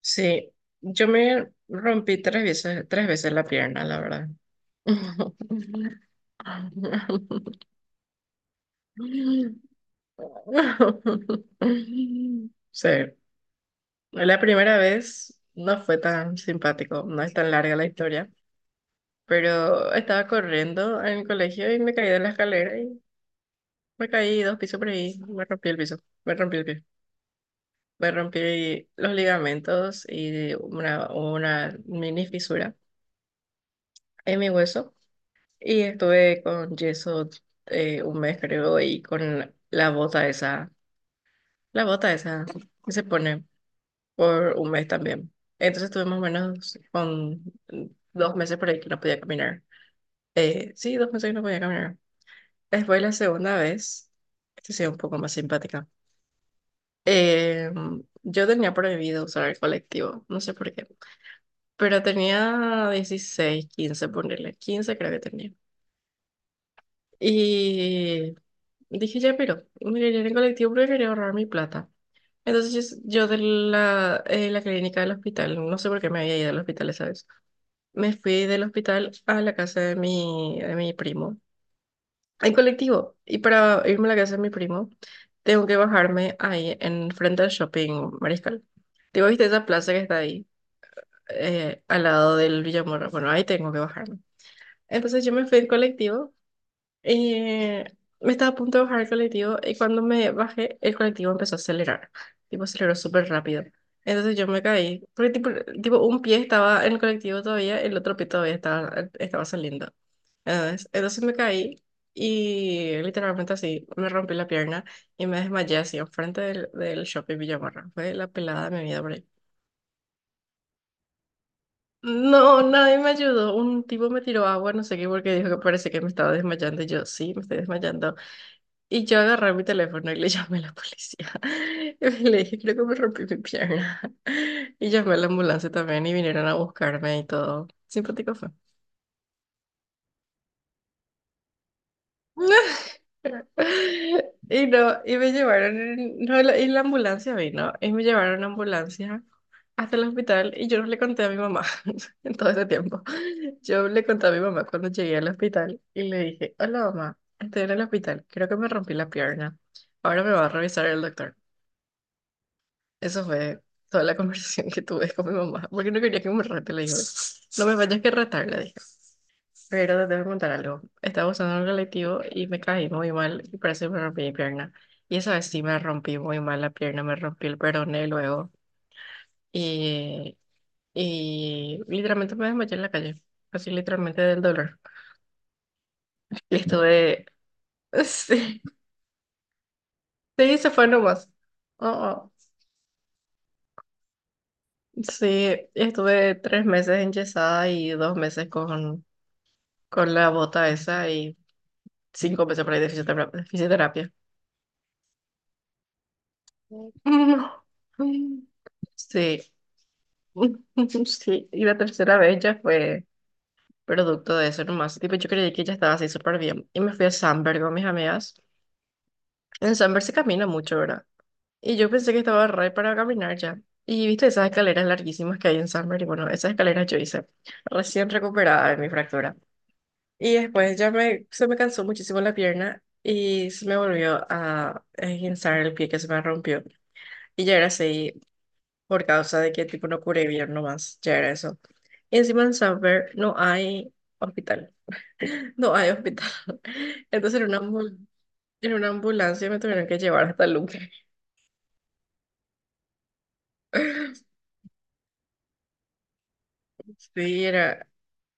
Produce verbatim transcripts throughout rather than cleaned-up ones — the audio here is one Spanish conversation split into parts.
Sí, yo me rompí tres veces, tres veces la pierna, la verdad. Sí, la primera vez no fue tan simpático, no es tan larga la historia, pero estaba corriendo en el colegio y me caí de la escalera y me caí dos pisos por ahí, me rompí el piso, me rompí el pie, me rompí los ligamentos y una, una mini fisura en mi hueso. Y estuve con yeso eh, un mes, creo, y con la bota esa, la bota esa que se pone por un mes también. Entonces estuve más o menos con dos meses por ahí que no podía caminar. Eh, sí, dos meses que no podía caminar. Después la segunda vez, esta sí es un poco más simpática. Eh, yo tenía prohibido usar el colectivo, no sé por qué, pero tenía dieciséis quince ponerle quince creo que tenía. Y dije, ya, pero me iré en el colectivo porque quería ahorrar mi plata. Entonces yo de la, eh, la clínica del hospital, no sé por qué me había ido al hospital esa vez, me fui del hospital a la casa de mi, de mi primo, en colectivo. Y para irme a la casa de mi primo, tengo que bajarme ahí en frente al shopping Mariscal. Digo, ¿viste esa plaza que está ahí, eh, al lado del Villamorra? Bueno, ahí tengo que bajarme. Entonces yo me fui en colectivo. Eh, Me estaba a punto de bajar el colectivo y cuando me bajé, el colectivo empezó a acelerar. Tipo, aceleró súper rápido. Entonces yo me caí. Porque tipo, tipo, un pie estaba en el colectivo todavía, el otro pie todavía estaba, estaba saliendo. Entonces, entonces me caí y literalmente así me rompí la pierna y me desmayé así enfrente del, del shopping Villamarra. Fue la pelada de mi vida por ahí. No, nadie me ayudó. Un tipo me tiró agua, no sé qué, porque dijo que parece que me estaba desmayando. Y yo, sí, me estoy desmayando. Y yo agarré mi teléfono y le llamé a la policía. Y le dije, creo que me rompí mi pierna. Y llamé a la ambulancia también y vinieron a buscarme y todo. Simpático fue. Y no, y me llevaron, en- no, la- y la ambulancia vino, y me llevaron en ambulancia hasta el hospital y yo no le conté a mi mamá en todo ese tiempo. Yo le conté a mi mamá cuando llegué al hospital y le dije, hola mamá, estoy en el hospital, creo que me rompí la pierna, ahora me va a revisar el doctor. Eso fue toda la conversación que tuve con mi mamá, porque no quería que me rete, le dije, no me vayas que retar, le dije, pero te tengo que contar algo. Estaba usando un colectivo y me caí muy mal y parece que me rompí mi pierna. Y esa vez sí me rompí muy mal la pierna, me rompí el peroné luego y, y literalmente me desmayé en la calle, así literalmente del dolor. Y estuve, sí, sí, se fue nomás. Oh, oh. Sí, estuve tres meses enyesada y dos meses con con la bota esa y cinco meses por ahí de fisiotera- de fisioterapia. No. Sí, sí, y la tercera vez ya fue producto de eso nomás. Tipo, yo creí que ya estaba así súper bien. Y me fui a Samberg con mis amigas. En Samberg se camina mucho, ¿verdad? Y yo pensé que estaba re para caminar ya. Y viste esas escaleras larguísimas que hay en Samberg. Y bueno, esas escaleras yo hice recién recuperada de mi fractura. Y después ya me, se me cansó muchísimo la pierna y se me volvió a esguinzar el pie que se me rompió. Y ya era así por causa de que tipo no curé bien nomás, ya era eso. Y encima en Samberg no hay hospital, no hay hospital. Entonces en una, ambul- en una ambulancia me tuvieron que llevar hasta Luque. Sí, era,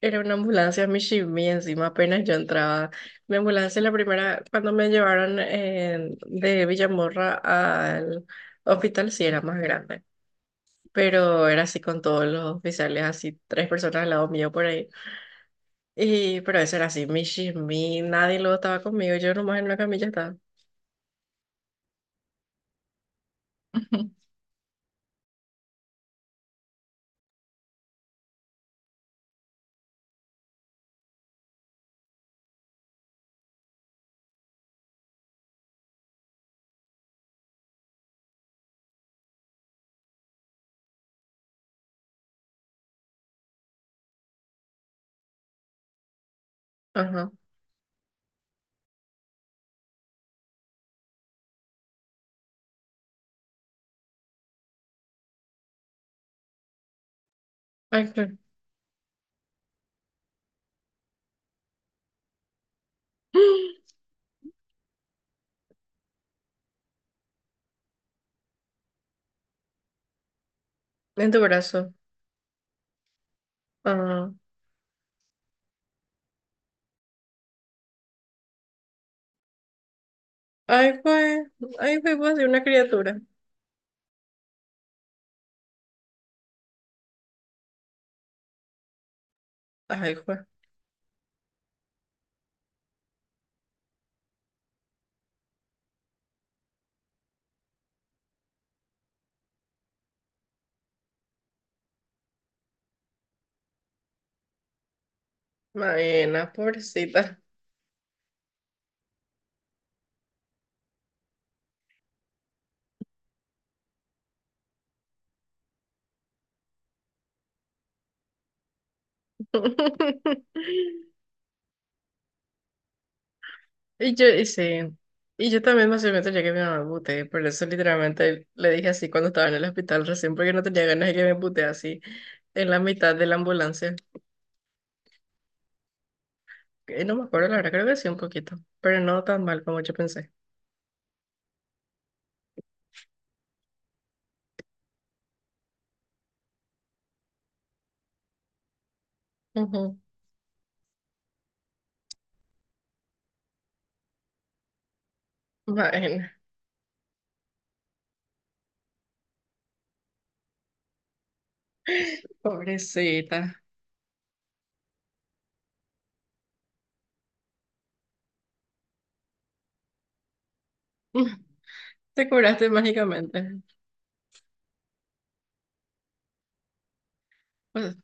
Era una ambulancia Mishimi, encima apenas yo entraba. Mi ambulancia, la primera, cuando me llevaron eh, de Villamorra al hospital, sí era más grande, pero era así con todos los oficiales, así tres personas al lado mío por ahí. Y, pero eso era así, Mishimi, nadie luego estaba conmigo, yo nomás en una camilla estaba. Ajá. Ay, qué- En tu brazo. Ajá. Ay, fue, ay, fue, fue así una criatura. Ay, fue. Maena, pobrecita. Y yo, y sí, y yo también más o menos ya que mi mamá me puté, por eso literalmente le dije así cuando estaba en el hospital recién, porque no tenía ganas de que me putee así en la mitad de la ambulancia. Eh, no me acuerdo, la verdad, creo que sí un poquito, pero no tan mal como yo pensé. Ujú. Bueno, pobrecita. Te curaste mágicamente. Pues,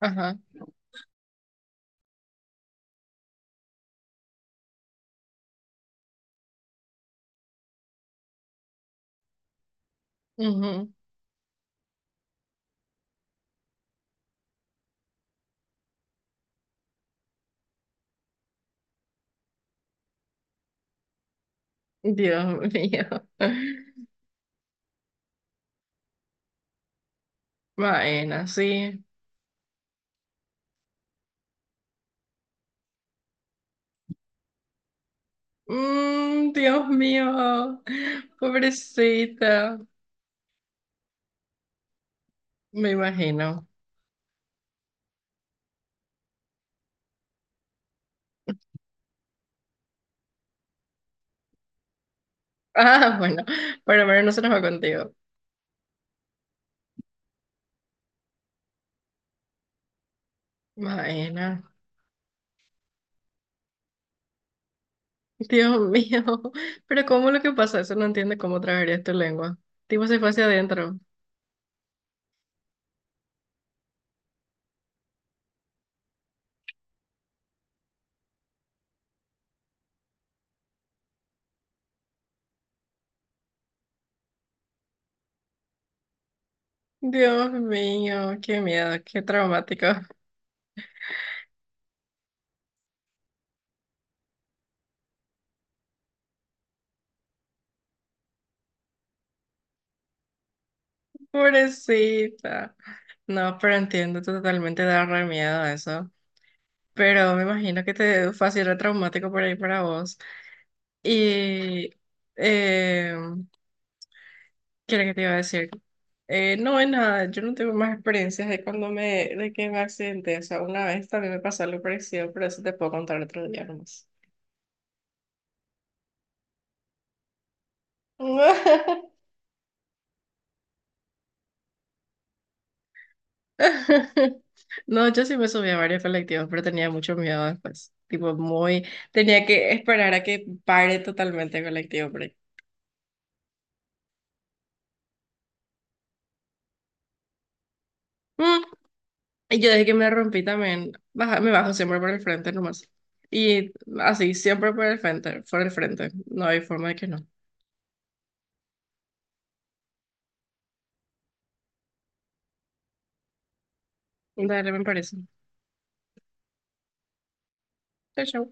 ajá. Ujú. Dios mío. Bueno, sí. Mm, Dios mío, pobrecita, me imagino. Ah, bueno, pero bueno, no se nos va contigo. Maena, Dios mío, pero ¿cómo lo que pasa? Eso no entiende cómo tragarías tu lengua. Tipo se fue hacia adentro. Dios mío, qué miedo, qué traumático. Pobrecita. No, pero entiendo totalmente, da re miedo eso. Pero me imagino que te fue así re traumático por ahí para vos. Y em, ¿Qué era que te iba a decir? Eh, no, es nada, yo no tengo más experiencias de cuando me, de que me accidenté. O sea, una vez también me pasó algo parecido, pero eso te puedo contar otro día nomás. No, yo sí me subí a varios colectivos, pero tenía mucho miedo después. Tipo, muy, tenía que esperar a que pare totalmente el colectivo por ahí. Mm, Y yo desde que me rompí también, baja- me bajo siempre por el frente nomás. Y así, siempre por el frente, por el frente. No hay forma de que no. Dale, me parece. Chao, chao.